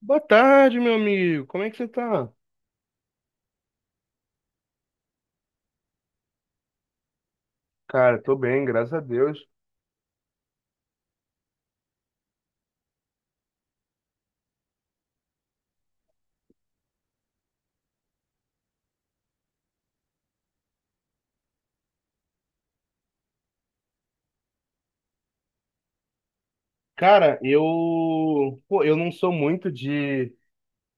Boa tarde, meu amigo. Como é que você tá? Cara, tô bem, graças a Deus. Cara, eu, pô, eu não sou muito de,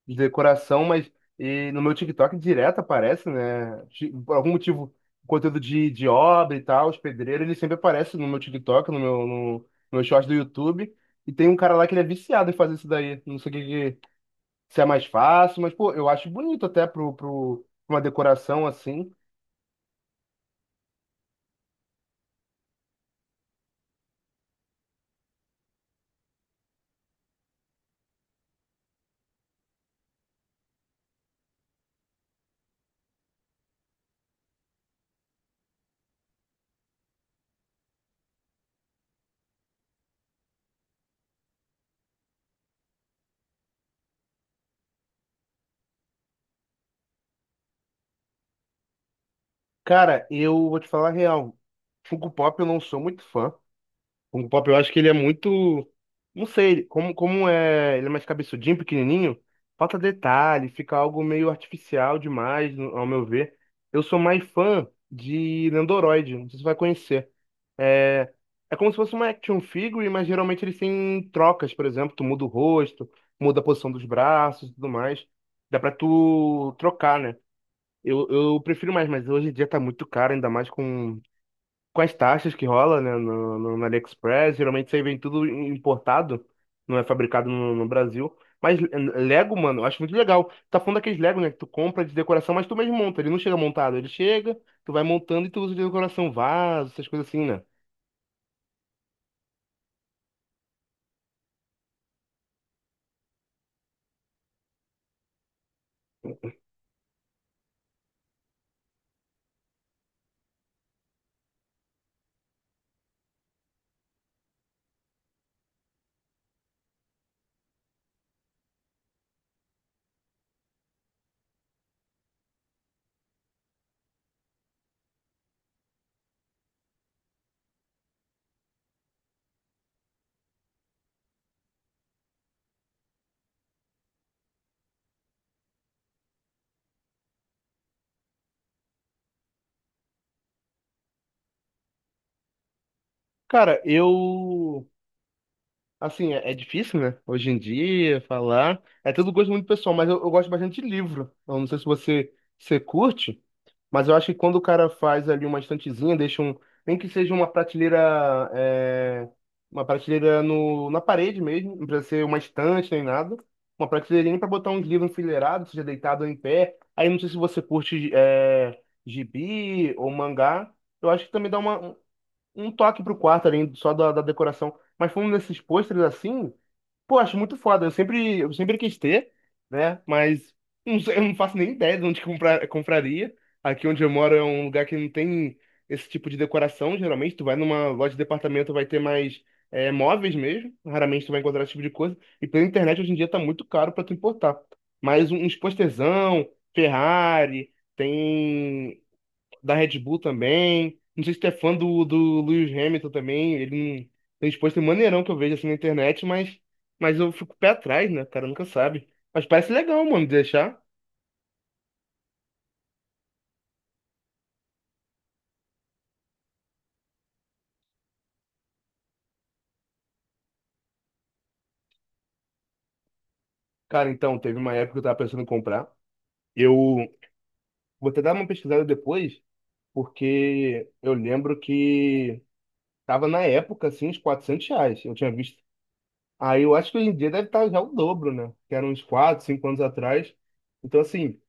de decoração, mas e no meu TikTok direto aparece, né? Por algum motivo, conteúdo de obra e tal, os pedreiros, ele sempre aparece no meu TikTok, no meu, no meu short do YouTube. E tem um cara lá que ele é viciado em fazer isso daí. Não sei o que, que- se é mais fácil, mas, pô, eu acho bonito até pra uma decoração assim. Cara, eu vou te falar a real. Funko Pop eu não sou muito fã. Funko Pop eu acho que ele é muito. Não sei, como, como é. Ele é mais cabeçudinho, pequenininho. Falta detalhe, fica algo meio artificial demais, ao meu ver. Eu sou mais fã de Nendoroid, não sei se você vai conhecer. É, é como se fosse uma action figure, mas geralmente eles têm trocas, por exemplo, tu muda o rosto, muda a posição dos braços e tudo mais. Dá pra tu trocar, né? Eu prefiro mais, mas hoje em dia tá muito caro, ainda mais com as taxas que rola, né, no AliExpress. Geralmente isso aí vem tudo importado, não é fabricado no Brasil. Mas Lego, mano, eu acho muito legal. Tá falando daqueles Lego, né, que tu compra de decoração, mas tu mesmo monta. Ele não chega montado, ele chega, tu vai montando e tu usa de decoração, vaso, essas coisas assim, né? Cara, eu. Assim, é difícil, né? Hoje em dia, falar. É tudo gosto muito pessoal, mas eu gosto bastante de livro. Eu não sei se você curte. Mas eu acho que quando o cara faz ali uma estantezinha, deixa um. Nem que seja uma prateleira. é, uma prateleira na parede mesmo, não precisa ser uma estante nem nada. Uma prateleirinha para botar uns livros enfileirados, seja deitado ou em pé. Aí não sei se você curte gibi ou mangá. Eu acho que também dá uma, um toque pro quarto ali, só da decoração. Mas falando desses pôsteres assim. Pô, acho muito foda. Eu sempre quis ter, né? Mas não sei, eu não faço nem ideia de onde compraria. Aqui onde eu moro é um lugar que não tem esse tipo de decoração. Geralmente, tu vai numa loja de departamento, vai ter mais móveis mesmo. Raramente tu vai encontrar esse tipo de coisa. E pela internet, hoje em dia, tá muito caro pra tu importar. Mas um, uns postezão, Ferrari, tem da Red Bull também. Não sei se tu é fã do Lewis Hamilton também. Ele não tem exposto maneirão que eu vejo assim na internet, mas eu fico pé atrás, né? O cara nunca sabe. Mas parece legal, mano, de deixar. Cara, então, teve uma época que eu tava pensando em comprar. Eu vou até dar uma pesquisada depois, porque eu lembro que tava na época, assim, uns 400 reais. Eu tinha visto. Aí eu acho que hoje em dia deve estar já o dobro, né? Que era uns 4, 5 anos atrás. Então, assim,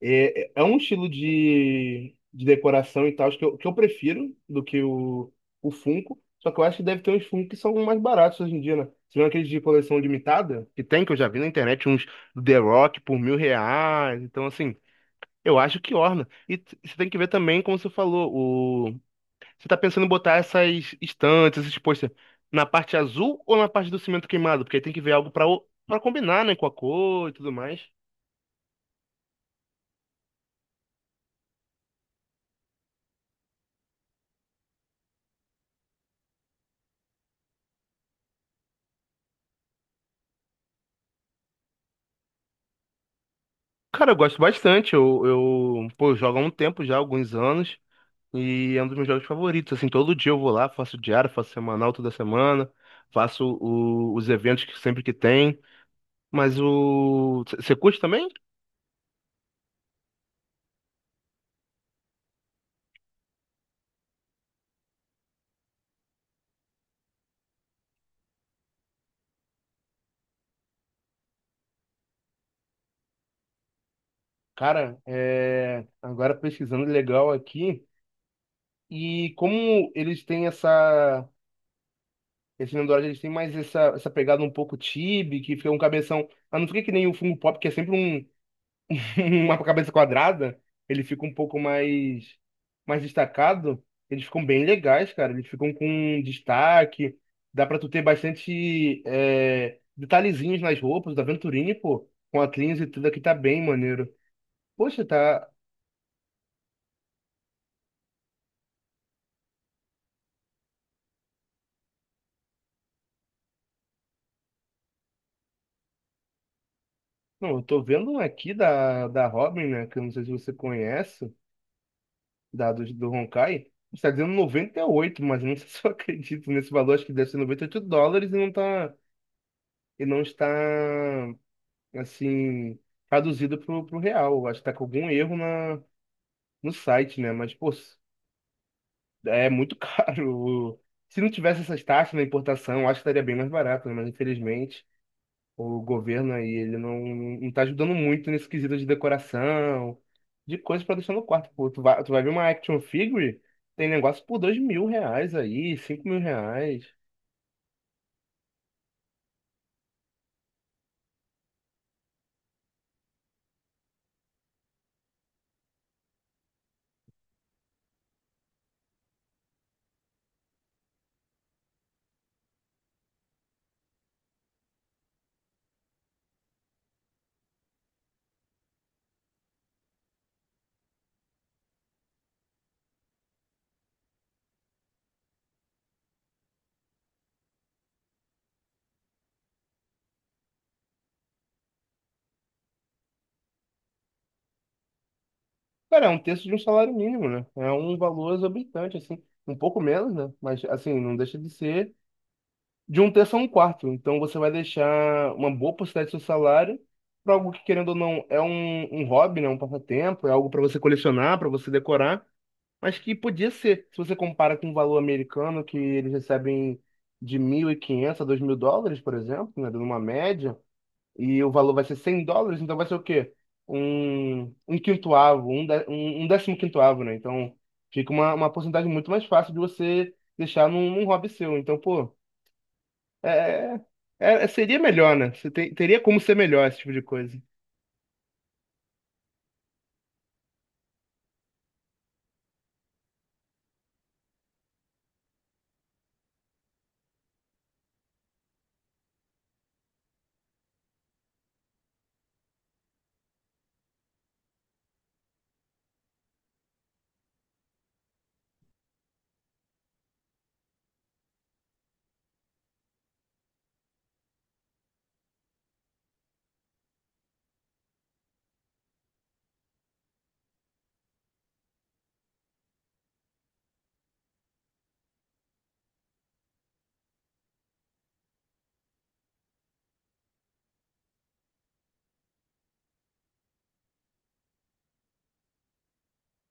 é, é um estilo de decoração e tal que que eu prefiro do que o Funko. Só que eu acho que deve ter uns Funko que são mais baratos hoje em dia, né? Se não aqueles de coleção limitada, que tem, que eu já vi na internet, uns do The Rock por mil reais. Então, assim, eu acho que orna. Você tem que ver também, como você falou, o... Você tá pensando em botar essas estantes, esses posters, na parte azul ou na parte do cimento queimado? Porque aí tem que ver algo pra combinar, né, com a cor e tudo mais. Cara, eu gosto bastante. Eu jogo há um tempo já, alguns anos, e é um dos meus jogos favoritos. Assim, todo dia eu vou lá, faço diário, faço semanal toda semana, faço os eventos que sempre que tem. Mas o. Você curte também? Cara, é... agora pesquisando legal aqui. E como eles têm essa. Esse Nino Dourado, eles têm mais essa, essa pegada um pouco chibi, que fica um cabeção. Ah, não fica que nem o Funko Pop, que é sempre um, uma cabeça quadrada. Ele fica um pouco mais, mais destacado. Eles ficam bem legais, cara. Eles ficam com destaque. Dá pra tu ter bastante detalhezinhos nas roupas da Venturini, pô. Com a Cleans e tudo aqui tá bem maneiro. Poxa, tá. Não, eu tô vendo um aqui da Robin, né? Que eu não sei se você conhece. Dados do Honkai, está dizendo 98, mas não sei se eu acredito nesse valor, acho que deve ser 98 dólares e não não está, assim, traduzido pro real. Acho que tá com algum erro no site, né? Mas, pô, é muito caro. Se não tivesse essas taxas na importação, acho que estaria bem mais barato, né? Mas infelizmente. O governo aí, ele não, não tá ajudando muito nesse quesito de decoração, de coisas pra deixar no quarto. Pô, tu vai ver uma action figure, tem negócio por dois mil reais aí, cinco mil reais. Cara, é um terço de um salário mínimo, né? É um valor exorbitante, assim. Um pouco menos, né? Mas, assim, não deixa de ser de um terço a um quarto. Então, você vai deixar uma boa porcentagem do seu salário para algo que, querendo ou não, é um, um hobby, né? Um passatempo, é algo para você colecionar, para você decorar. Mas que podia ser, se você compara com o valor americano, que eles recebem de 1.500 a 2.000 dólares, por exemplo, né, numa média, e o valor vai ser 100 dólares, então vai ser o quê? Um quintoavo, um, décimo quintoavo, né? Então fica uma porcentagem muito mais fácil de você deixar num, num hobby seu. Então, pô, é, seria melhor, né? Teria como ser melhor esse tipo de coisa.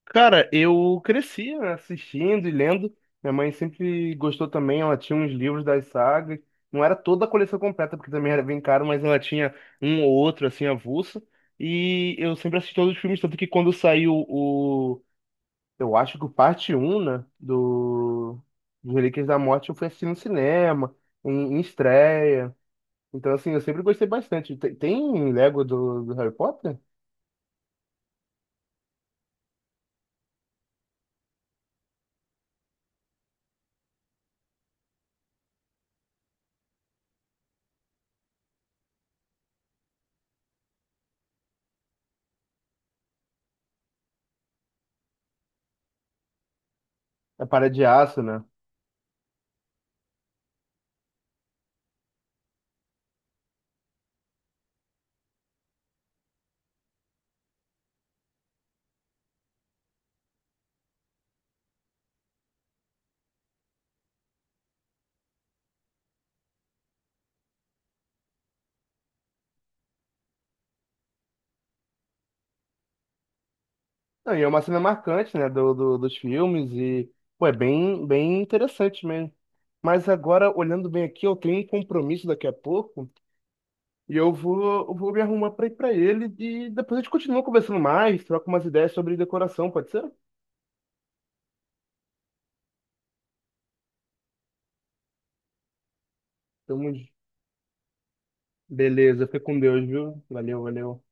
Cara, eu cresci assistindo e lendo. Minha mãe sempre gostou também, ela tinha uns livros das sagas. Não era toda a coleção completa, porque também era bem caro, mas ela tinha um ou outro, assim, avulso. E eu sempre assisti todos os filmes, tanto que quando saiu o... Eu acho que o parte 1, né, do... dos Relíquias da Morte, eu fui assistir no cinema, em estreia. Então, assim, eu sempre gostei bastante. Tem Lego do Harry Potter? É Para de Aço, né? Não, e é uma cena marcante, né, dos filmes e, pô, é bem interessante mesmo. Mas agora, olhando bem aqui, eu tenho um compromisso daqui a pouco e eu vou me arrumar pra ir pra ele e depois a gente continua conversando mais, troca umas ideias sobre decoração, pode ser? Então, beleza, fica com Deus, viu? Valeu, valeu.